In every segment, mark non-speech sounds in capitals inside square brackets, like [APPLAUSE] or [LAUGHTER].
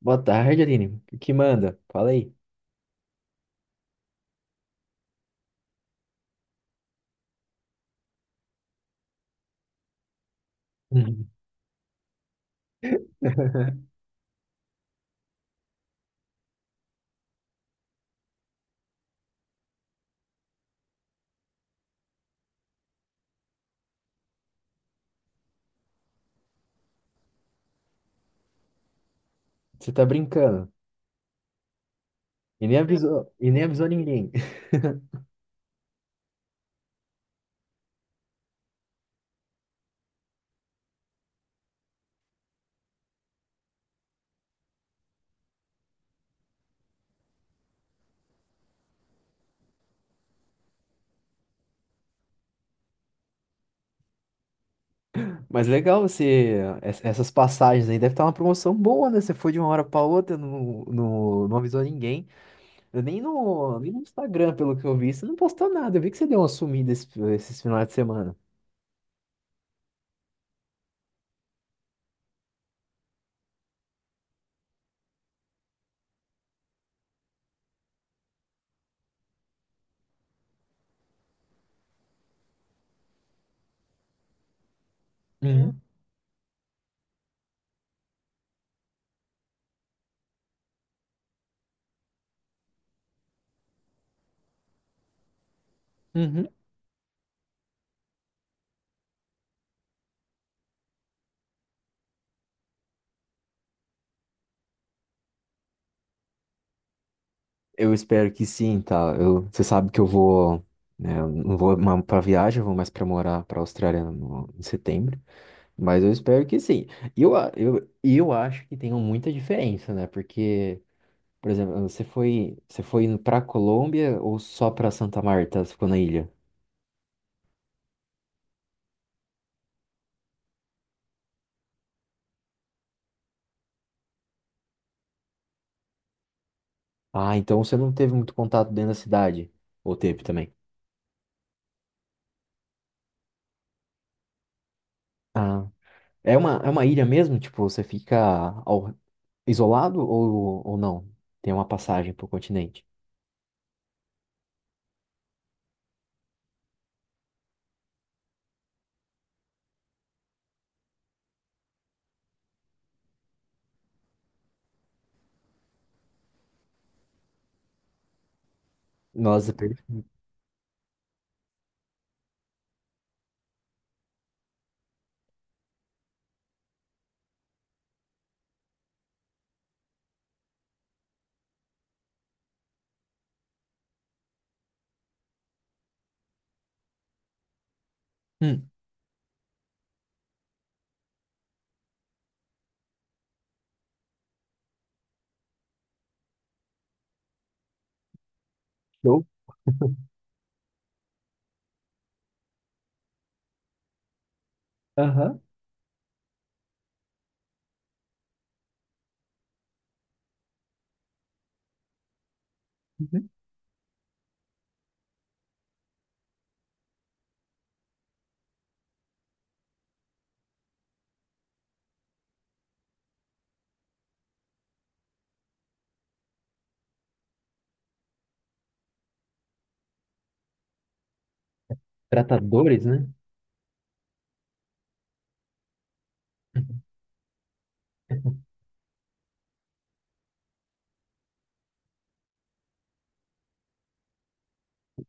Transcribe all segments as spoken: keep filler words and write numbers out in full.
Boa tarde, Aline. O que manda? Fala aí. Uhum. [LAUGHS] Você tá brincando. E nem avisou, e nem avisou ninguém. [LAUGHS] Mas legal você. ess- Essas passagens aí deve estar uma promoção boa, né? Você foi de uma hora pra outra, não, não, não avisou ninguém. Eu nem no, nem no Instagram, pelo que eu vi, você não postou nada. Eu vi que você deu uma sumida esse- esses finais de semana. Uhum. Uhum. Eu espero que sim, tá? Eu, você sabe que eu vou. Né, eu não vou mais pra viagem, eu vou mais pra morar pra Austrália no, em setembro. Mas eu espero que sim. E Eu, a- eu, e eu acho que tem muita diferença, né? Porque, por exemplo, você foi, você foi indo pra Colômbia ou só pra Santa Marta? Você ficou na ilha? Ah, então você não teve muito contato dentro da cidade. Ou teve também? Ah. É uma, é uma ilha mesmo? Tipo, você fica ao- isolado ou, ou não? Tem uma passagem pro continente. Nossa, per... Hum. Show. Aham. Tratadores, né? [LAUGHS]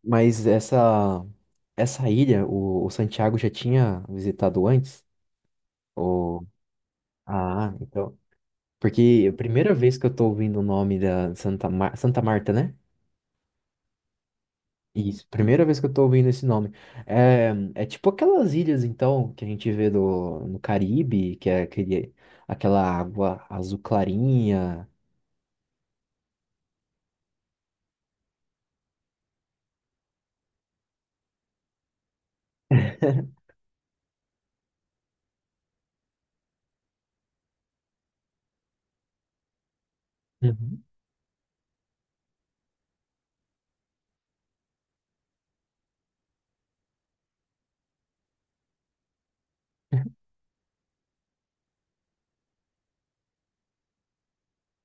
Mas essa, essa ilha, o, o Santiago já tinha visitado antes? Ou... Ah, então. Porque a primeira vez que eu tô ouvindo o nome da Santa, Mar... Santa Marta, né? Isso, primeira vez que eu tô ouvindo esse nome. É, é tipo aquelas ilhas, então, que a gente vê do, no Caribe, que é aquele, aquela água azul clarinha. [LAUGHS] Uhum.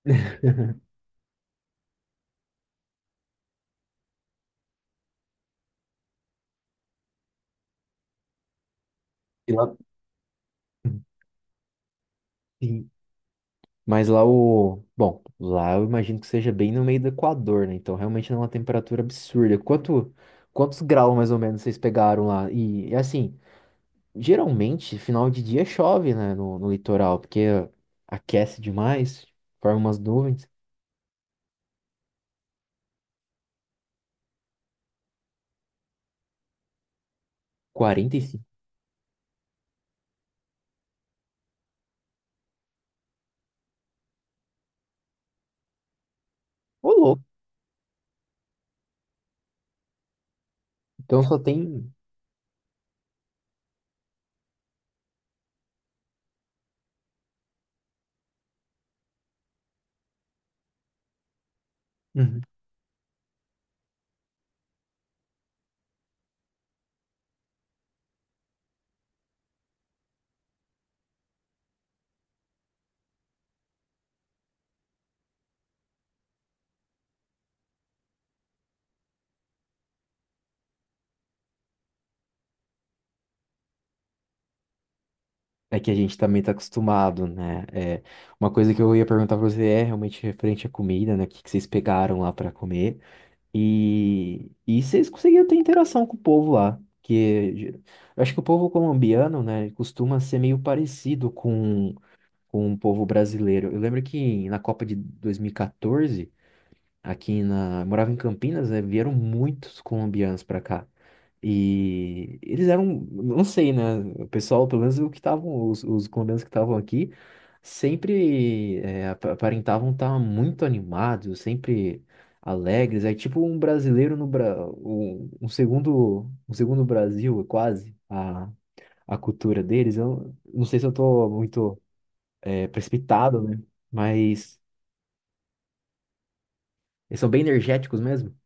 [LAUGHS] E lá- Sim. Mas lá o. Bom, lá eu imagino que seja bem no meio do Equador, né? Então realmente não é uma temperatura absurda. Quanto... Quantos graus mais ou menos vocês pegaram lá? E e, assim, geralmente final de dia chove, né? No, no litoral, porque aquece demais, forma umas nuvens. quarenta e cinco. Ô, louco. Então só tem. Uhum. É que a gente também tá acostumado, né? É, uma coisa que eu ia perguntar pra você é realmente referente à comida, né? O que que vocês pegaram lá pra comer? E, e vocês conseguiam ter interação com o povo lá. Que ge- eu acho que o povo colombiano, né, ele costuma ser meio parecido com, com o povo brasileiro. Eu lembro que na Copa de dois mil e quatorze aqui na. Eu morava em Campinas, né? Vieram muitos colombianos pra cá. E eles eram, não sei, né? O pessoal, pelo menos o que estavam, os, os colombianos que estavam aqui, sempre é, ap- aparentavam estar muito animados, sempre alegres. É tipo um brasileiro no Bra... um, um segundo, um segundo Brasil, quase, a, a cultura deles. Eu não sei se eu tô muito é, precipitado, né? Mas eles são bem energéticos mesmo.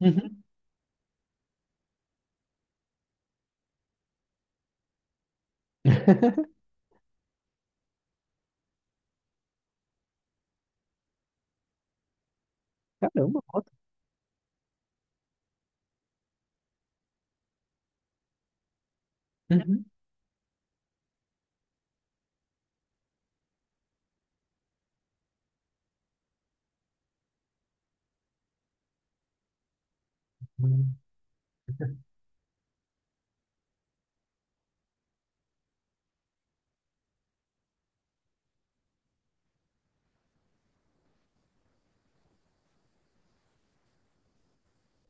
Uhum. Caramba. Uhum.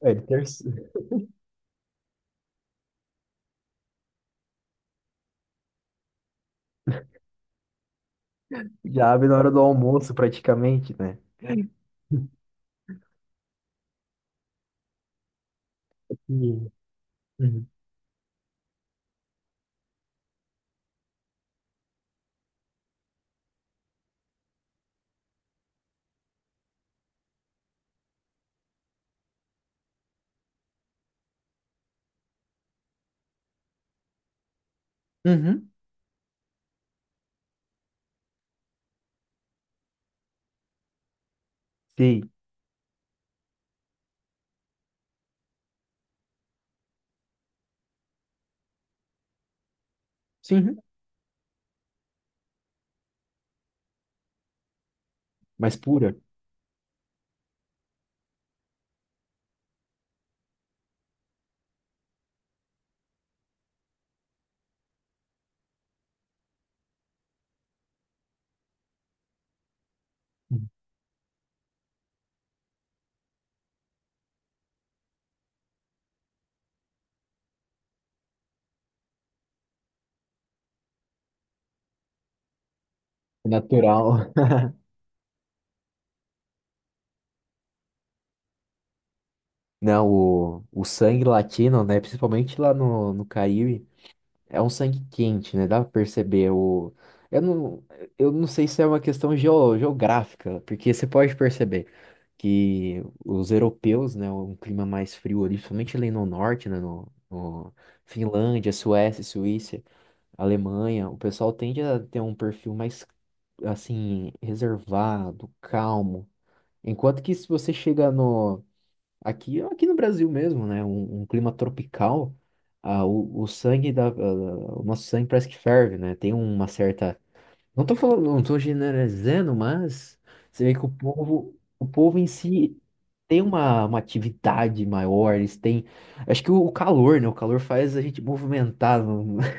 É, ele ter- já abre na hora do almoço, praticamente, né? Uhum. [LAUGHS] Uhum. Uhum. Sim, sim, mas pura, uhum, natural. [LAUGHS] Não, o, o sangue latino, né? Principalmente lá no, no Caribe, é um sangue quente, né? Dá pra perceber. O, eu não, eu não sei se é uma questão geo, geográfica, porque você pode perceber. Que os europeus, né, um clima mais frio ali, principalmente ali no norte, né, no, no Finlândia, Suécia, Suíça, Alemanha, o pessoal tende a ter um perfil mais, assim, reservado, calmo. Enquanto que se você chega no, aqui, aqui no Brasil mesmo, né, um, um clima tropical, ah, o, o sangue da, ah, o nosso sangue parece que ferve, né, tem uma certa não tô falando, não tô generalizando, mas você vê que o povo, o povo em si tem uma, uma atividade maior, eles têm. Acho que o, o calor, né? O calor faz a gente movimentar. Não- [LAUGHS]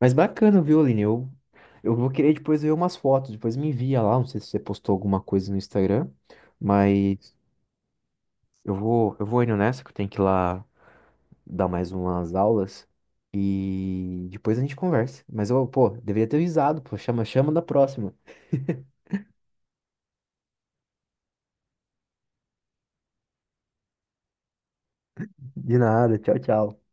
Mas bacana, viu, Aline? Eu, eu vou querer depois ver umas fotos, depois me envia lá. Não sei se você postou alguma coisa no Instagram, mas eu vou, eu vou indo nessa, que eu tenho que ir lá dar mais umas aulas. E depois a gente conversa. Mas eu, pô, deveria ter avisado, pô, chama, chama da próxima. De nada, tchau, tchau.